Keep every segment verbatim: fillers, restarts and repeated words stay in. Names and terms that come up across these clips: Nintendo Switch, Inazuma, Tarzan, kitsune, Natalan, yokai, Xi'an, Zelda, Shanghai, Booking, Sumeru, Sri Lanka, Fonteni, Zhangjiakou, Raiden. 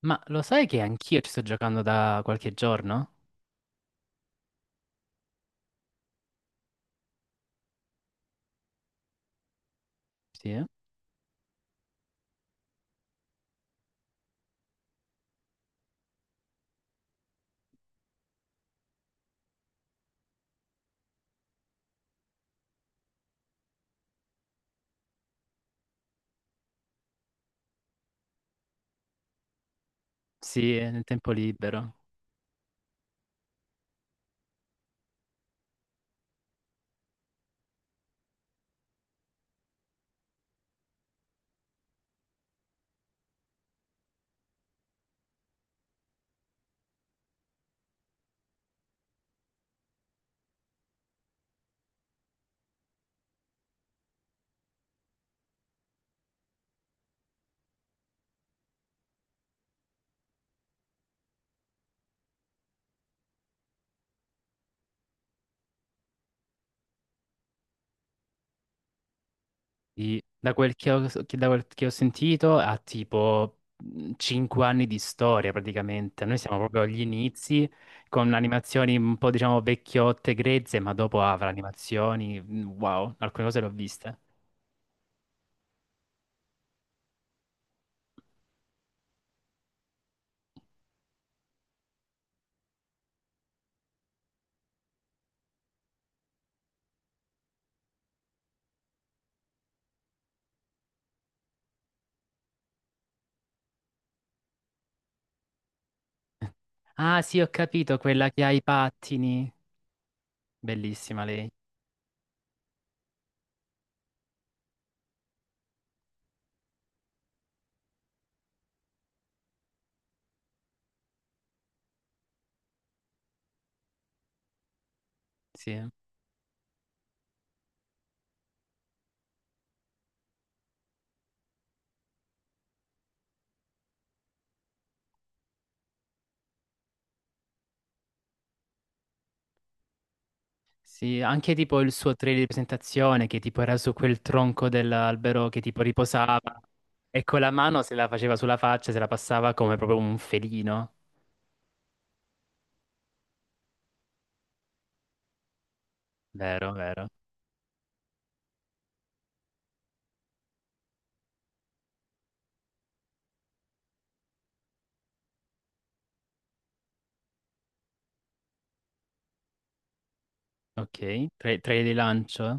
Ma lo sai che anch'io ci sto giocando da qualche giorno? Sì, eh? Sì, nel tempo libero. Sì. Da quel che ho, che- da quel che ho sentito ha tipo cinque anni di storia praticamente. Noi siamo proprio agli inizi con animazioni un po', diciamo, vecchiotte, grezze, ma dopo avrà animazioni. mhmm, Wow, alcune cose le ho viste. Ah sì, ho capito, quella che ha i pattini. Bellissima lei. Sì. Sì, anche tipo il suo trailer di presentazione, che tipo era su quel tronco dell'albero, che tipo riposava e con la mano se la faceva sulla faccia, se la passava come proprio un felino. Vero, vero. Ok, Tra- trailer di lancio, la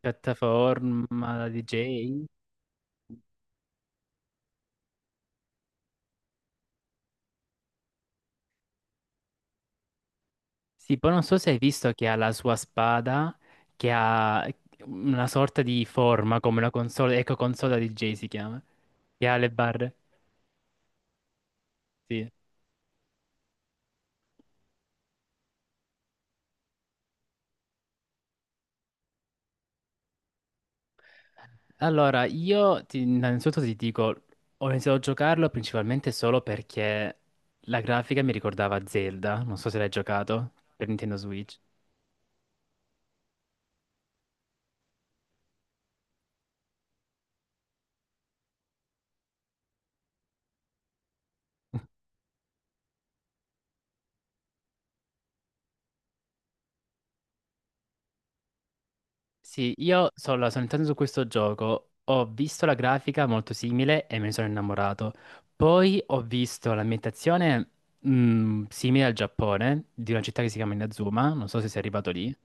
piattaforma, la D J. Sì, poi non so se hai visto che ha la sua spada, che ha una sorta di forma come una console, eco console da D J si chiama, che ha le barre. Sì. Allora, io ti- innanzitutto ti dico, ho iniziato a giocarlo principalmente solo perché la grafica mi ricordava Zelda, non so se l'hai giocato per Nintendo Switch. Sì, io sono, sono entrato su questo gioco, ho visto la grafica molto simile e me ne sono innamorato. Poi ho visto l'ambientazione mh, simile al Giappone, di una città che si chiama Inazuma, non so se sei arrivato lì.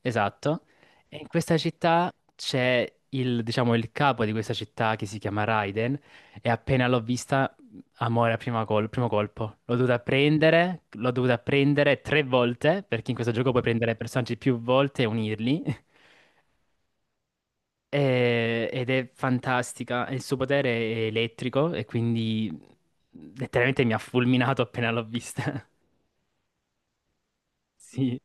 Esatto. E in questa città c'è, il, diciamo, il capo di questa città, che si chiama Raiden, e appena l'ho vista, amore a prima col- primo colpo. L'ho dovuta prendere, l'ho dovuta prendere tre volte, perché in questo gioco puoi prendere personaggi più volte e unirli. E- ed è fantastica. Il suo potere è elettrico e quindi letteralmente mi ha fulminato appena l'ho vista. Sì.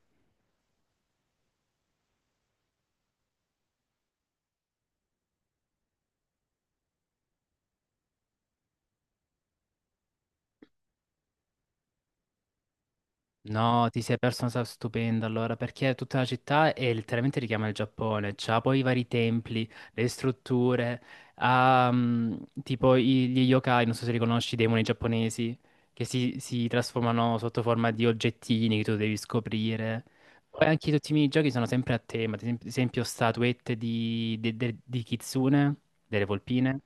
No, ti sei perso una cosa stupenda allora, perché tutta la città è letteralmente richiama il Giappone, c'ha poi i vari templi, le strutture, ha mm, tipo i- gli yokai, non so se li conosci, i demoni giapponesi, che si, si trasformano sotto forma di oggettini che tu devi scoprire. Poi anche tutti i minigiochi sono sempre a tema, ad esempio esempio statuette di, de- de- di kitsune, delle volpine,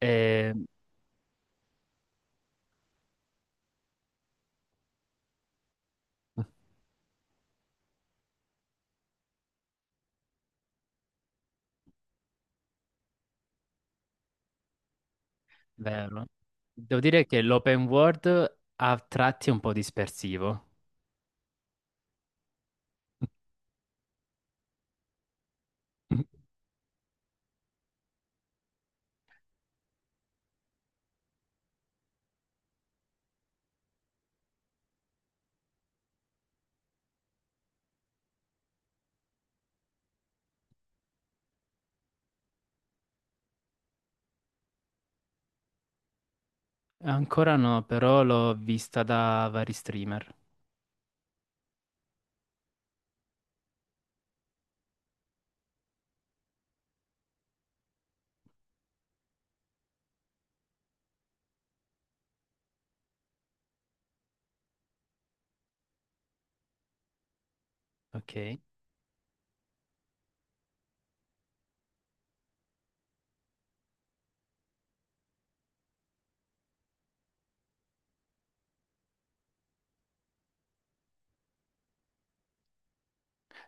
e. Vero. Devo dire che l'open world a tratti è un po' dispersivo. Ancora no, però l'ho vista da vari streamer. Ok.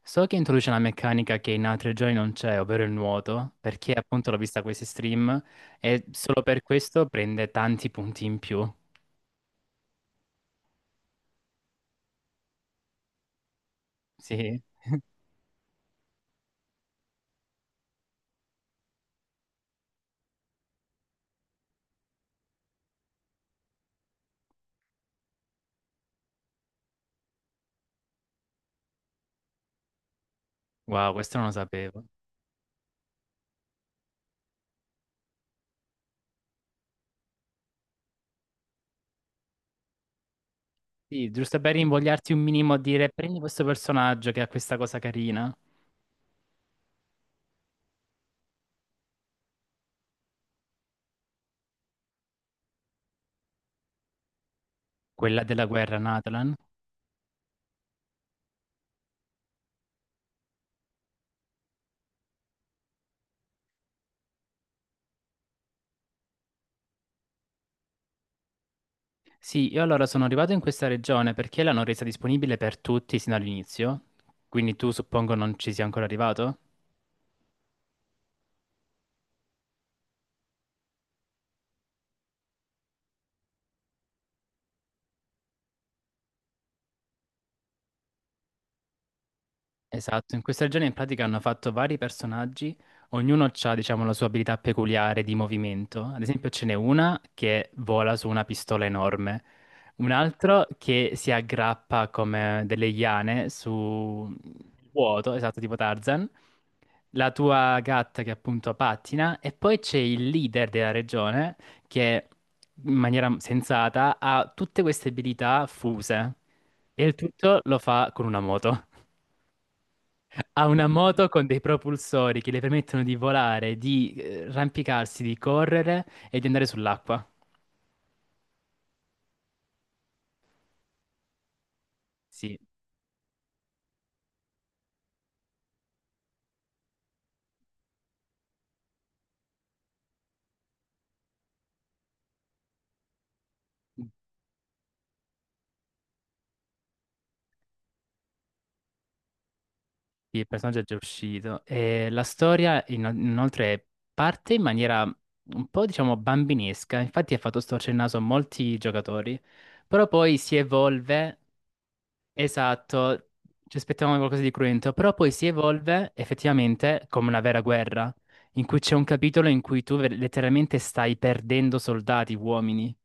So che introduce una meccanica che in altri giochi non c'è, ovvero il nuoto, perché appunto l'ho vista a questi stream, e solo per questo prende tanti punti in più. Sì. Wow, questo non lo sapevo. Sì, giusto per invogliarti un minimo a dire prendi questo personaggio che ha questa cosa carina, quella della guerra, Natalan. Sì, io allora sono arrivato in questa regione perché l'hanno resa disponibile per tutti sin dall'inizio, quindi tu suppongo non ci sia ancora arrivato? Esatto, in questa regione in pratica hanno fatto vari personaggi, ognuno ha, diciamo, la sua abilità peculiare di movimento. Ad esempio, ce n'è una che vola su una pistola enorme, un altro che si aggrappa come delle iane su vuoto, esatto, tipo Tarzan, la tua gatta che appunto pattina, e poi c'è il leader della regione, che in maniera sensata ha tutte queste abilità fuse. E il tutto lo fa con una moto. Ha una moto con dei propulsori che le permettono di volare, di eh, arrampicarsi, di correre e di andare sull'acqua. Sì, sì, il personaggio è già uscito. E la storia in- inoltre parte in maniera un po', diciamo, bambinesca. Infatti ha fatto storcere il naso a molti giocatori, però poi si evolve. Esatto, ci aspettavamo qualcosa di cruento, però poi si evolve effettivamente come una vera guerra, in cui c'è un capitolo in cui tu ver- letteralmente stai perdendo soldati, uomini.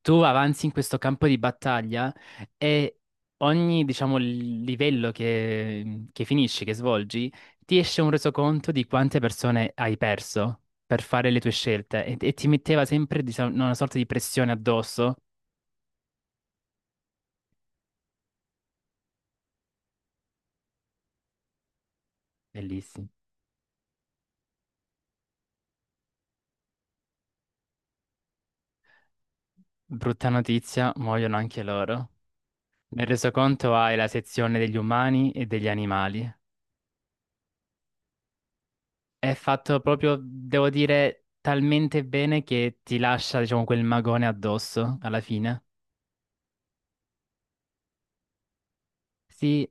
Tu avanzi in questo campo di battaglia e ogni, diciamo, l- livello che, che finisci, che svolgi, ti esce un resoconto di quante persone hai perso per fare le tue scelte, e, e ti metteva sempre, diciamo, una sorta di pressione addosso. Bellissimo. Brutta notizia, muoiono anche loro. Nel resoconto hai la sezione degli umani e degli animali. È fatto proprio, devo dire, talmente bene che ti lascia, diciamo, quel magone addosso alla fine. Sì,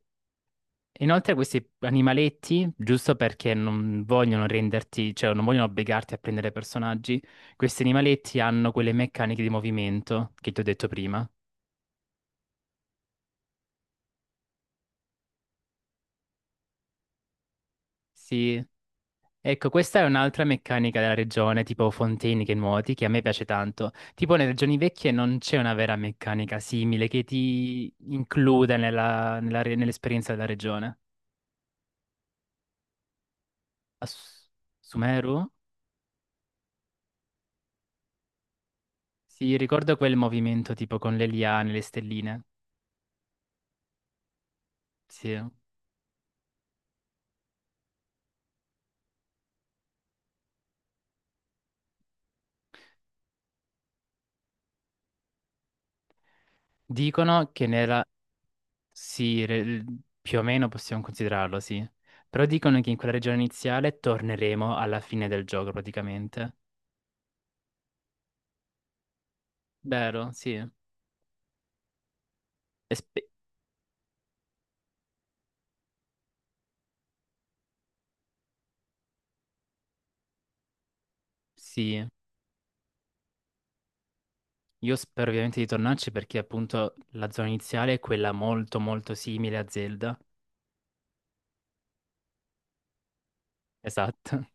inoltre questi animaletti, giusto perché non vogliono renderti, cioè non vogliono obbligarti a prendere personaggi, questi animaletti hanno quelle meccaniche di movimento che ti ho detto prima. Sì. Ecco, questa è un'altra meccanica della regione, tipo Fonteni che nuoti, che a me piace tanto. Tipo nelle regioni vecchie non c'è una vera meccanica simile che ti includa nella- nella re- nell'esperienza della regione. A Su- Sumeru? Sì, ricordo quel movimento tipo con le liane, le stelline. Sì. Dicono che nella. Sì, re- più o meno possiamo considerarlo, sì. Però dicono che in quella regione iniziale torneremo alla fine del gioco praticamente. Vero, sì. E spe- sì. Io spero ovviamente di tornarci perché appunto la zona iniziale è quella molto molto simile a Zelda. Esatto.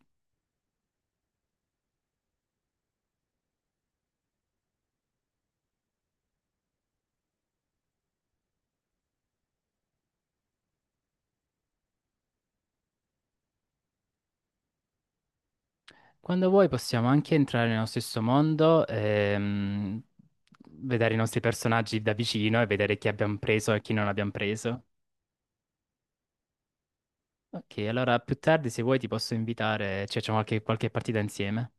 Quando vuoi possiamo anche entrare nello stesso mondo, ehm, vedere i nostri personaggi da vicino e vedere chi abbiamo preso e chi non abbiamo preso. Ok, allora più tardi se vuoi ti posso invitare, ci facciamo qualche, qualche partita insieme.